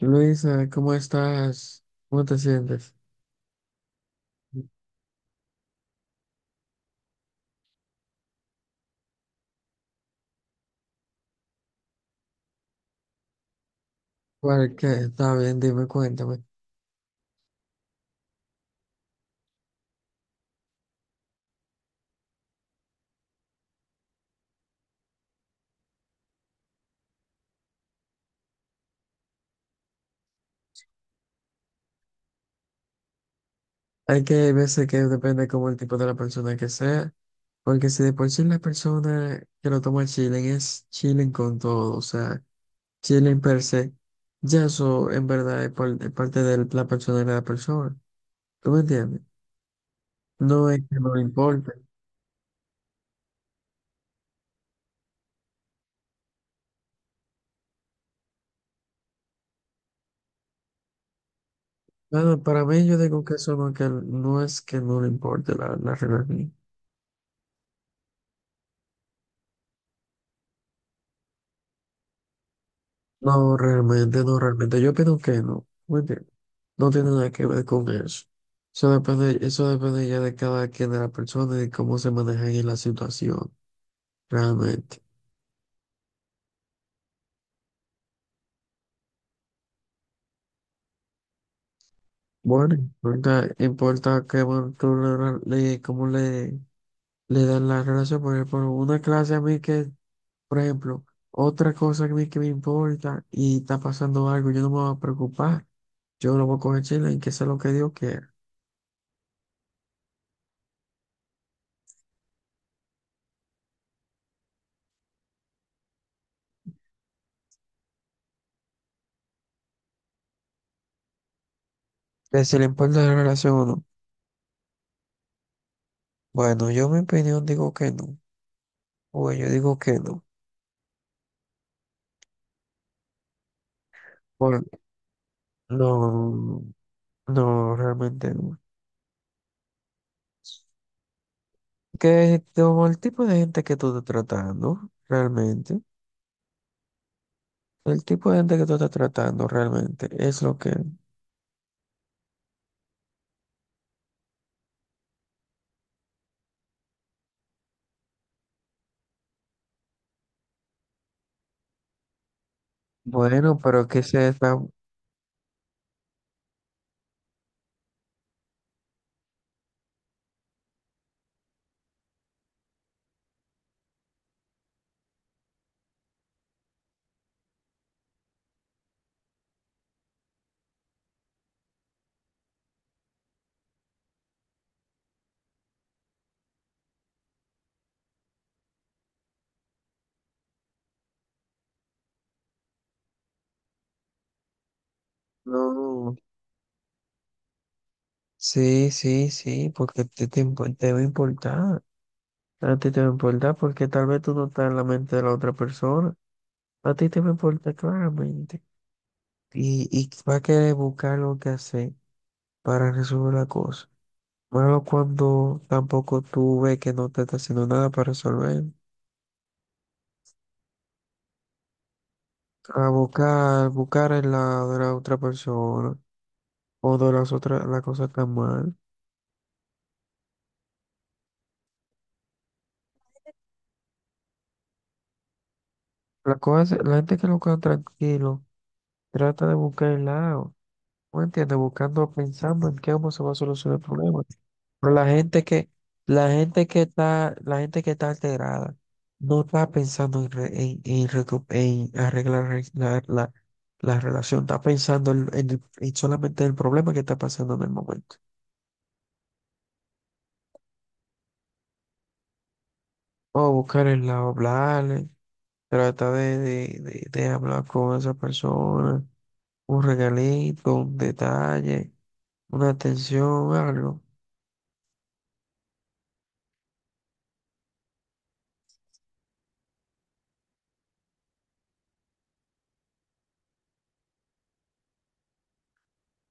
Luisa, ¿cómo estás? ¿Cómo te sientes? ¿Cuál que está bien? Dime, cuéntame. Hay veces que depende como el tipo de la persona que sea, porque si de por sí la persona que lo toma chilling es chilling con todo, o sea, chilling per se, ya eso en verdad es, es parte de la personalidad de la persona. ¿Tú me entiendes? No es que no le importe. Bueno, para mí yo digo que eso no, que no es que no le importe la relación. No, realmente, no, realmente. Yo opino que no. ¿Me entiendes? No tiene nada que ver con eso. Eso depende ya de cada quien, de la persona y de cómo se maneja en la situación, realmente. Bueno, importa, importa que, bueno, tú le, le- cómo le, le dan la relación. Por ejemplo, una clase a mí que, por ejemplo, otra cosa que a mí que me importa y está pasando algo, yo no me voy a preocupar. Yo lo voy a coger chile y que sea lo que Dios quiera. Que si le importa la relación o no. Bueno, yo mi opinión digo que no. Bueno, yo digo que no. Por- no, no, realmente no. Que como el tipo de gente que tú estás tratando, realmente, el tipo de gente que tú estás tratando realmente es lo que... Bueno, pero que se está... No, sí, sí, sí, porque te va a importar. A ti te va a importar porque tal vez tú no estás en la mente de la otra persona. A ti te va a importar claramente. Y va a querer buscar lo que hacer para resolver la cosa. Malo cuando tampoco tú ves que no te está haciendo nada para resolver. A buscar, buscar el lado de la otra persona o de las otras, la cosa está mal. La cosa, la gente que lo queda tranquilo trata de buscar el lado. ¿No entiendes? Buscando, pensando en cómo se va a solucionar el problema. Pero la gente que, la gente que está alterada no está pensando en, en arreglar la relación, está pensando en, en solamente el problema que está pasando en el momento. O buscar el lado, hablarle, trata de hablar con esa persona, un regalito, un detalle, una atención, algo.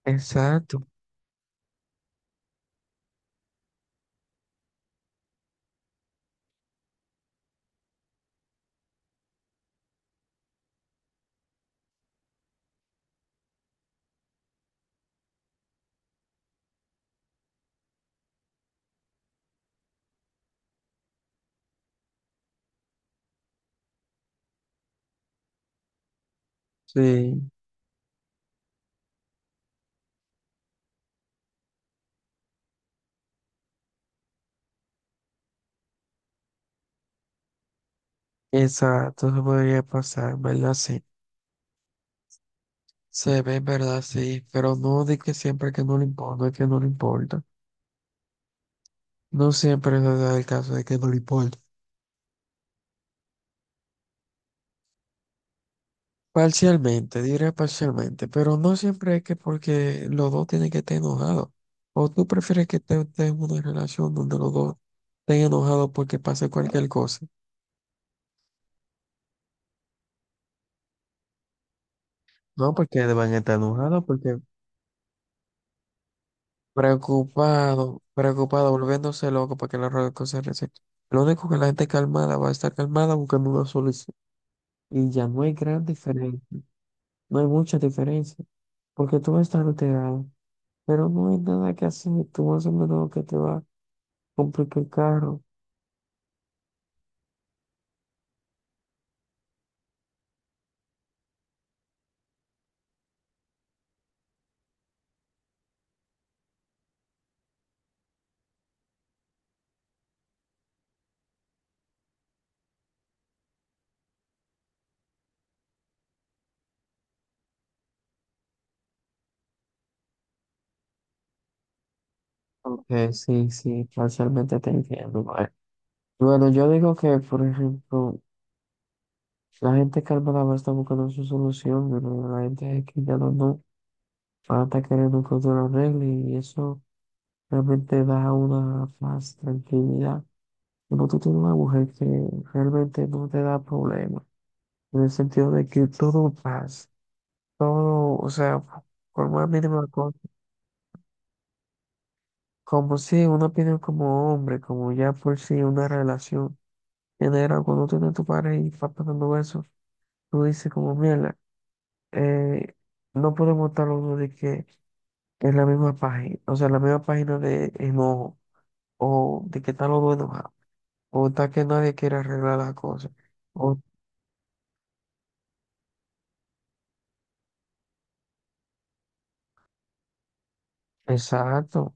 Exacto. Sí, exacto, se podría pasar, ¿verdad? Sí. Se ve, ¿verdad? Sí, pero no de que siempre que no le importa, no es que no le importa. No siempre es verdad el caso de que no le importa. Parcialmente, diré parcialmente, pero no siempre es que porque los dos tienen que estar enojados. O tú prefieres que estés en una relación donde los dos estén enojados porque pase cualquier cosa. No, porque van a estar enojados, porque preocupado, preocupado, volviéndose loco para que la relación se resuelva. Lo único que la gente calmada va a estar calmada buscando una solución. Y ya no hay gran diferencia. No hay mucha diferencia, porque tú vas a estar alterado, pero no hay nada que hacer, tú vas a hacer lo que te va a complicar el carro. Aunque sí, sí, parcialmente te entiendo, mae. Bueno, yo digo que, por ejemplo, la gente calmada va a estar buscando su solución, pero la gente que ya no, no va a estar queriendo que otro lo arregle y eso realmente da una más tranquilidad. Como tú tienes una mujer que realmente no te da problemas, en el sentido de que todo pasa. Todo, o sea, por más mínima cosa, como si una opinión como hombre, como ya por si una relación genera, cuando tú tienes tu pareja y va pasando eso, tú dices como, mierda, eh, no podemos estar los dos de que es la misma página, o sea, la misma página de enojo, o de que están los dos enojados, o está que nadie quiere arreglar las cosas, o exacto,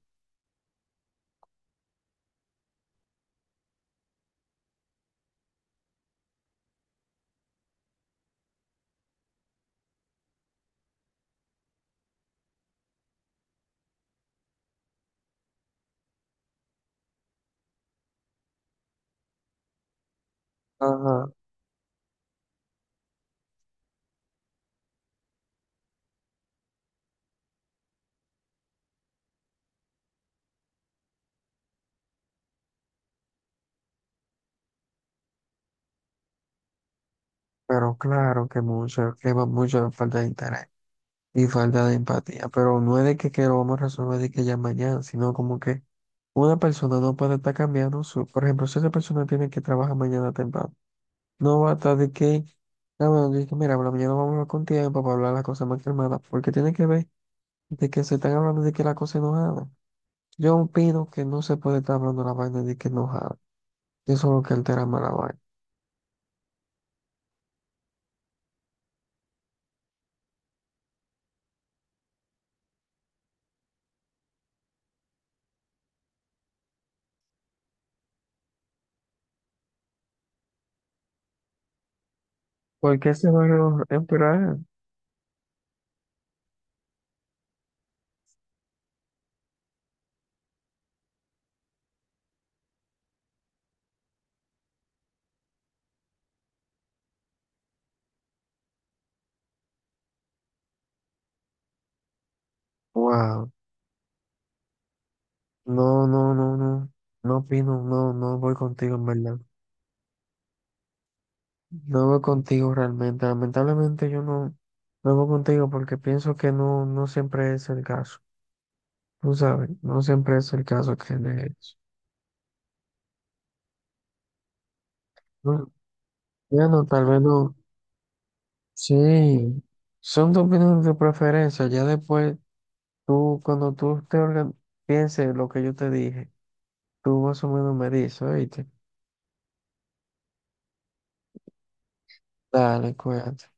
ajá, pero claro que mucho, que va mucho de falta de interés y falta de empatía, pero no es de que lo vamos a resolver de que ya mañana, sino como que una persona no puede estar cambiando su, por ejemplo, si esa persona tiene que trabajar mañana temprano, no va a estar de que, ah, bueno, de que mira, por la mañana vamos a hablar con tiempo para hablar las cosas más calmadas, porque tiene que ver de que se están hablando de que la cosa enojada. Yo opino que no se puede estar hablando la vaina de que enojada, eso es lo que altera más la vaina. ¿Por qué se va a empeorar? Wow, no, no, no, no, no opino, no, no voy contigo en verdad. No voy contigo realmente. Lamentablemente yo no, no voy contigo porque pienso que no, no siempre es el caso. Tú sabes, no siempre es el caso que de hecho. No, bueno, tal vez no. Sí, son tus opiniones de preferencia. Ya después, tú, cuando pienses lo que yo te dije, tú más o menos me dices, oíste. Dale, cuídate.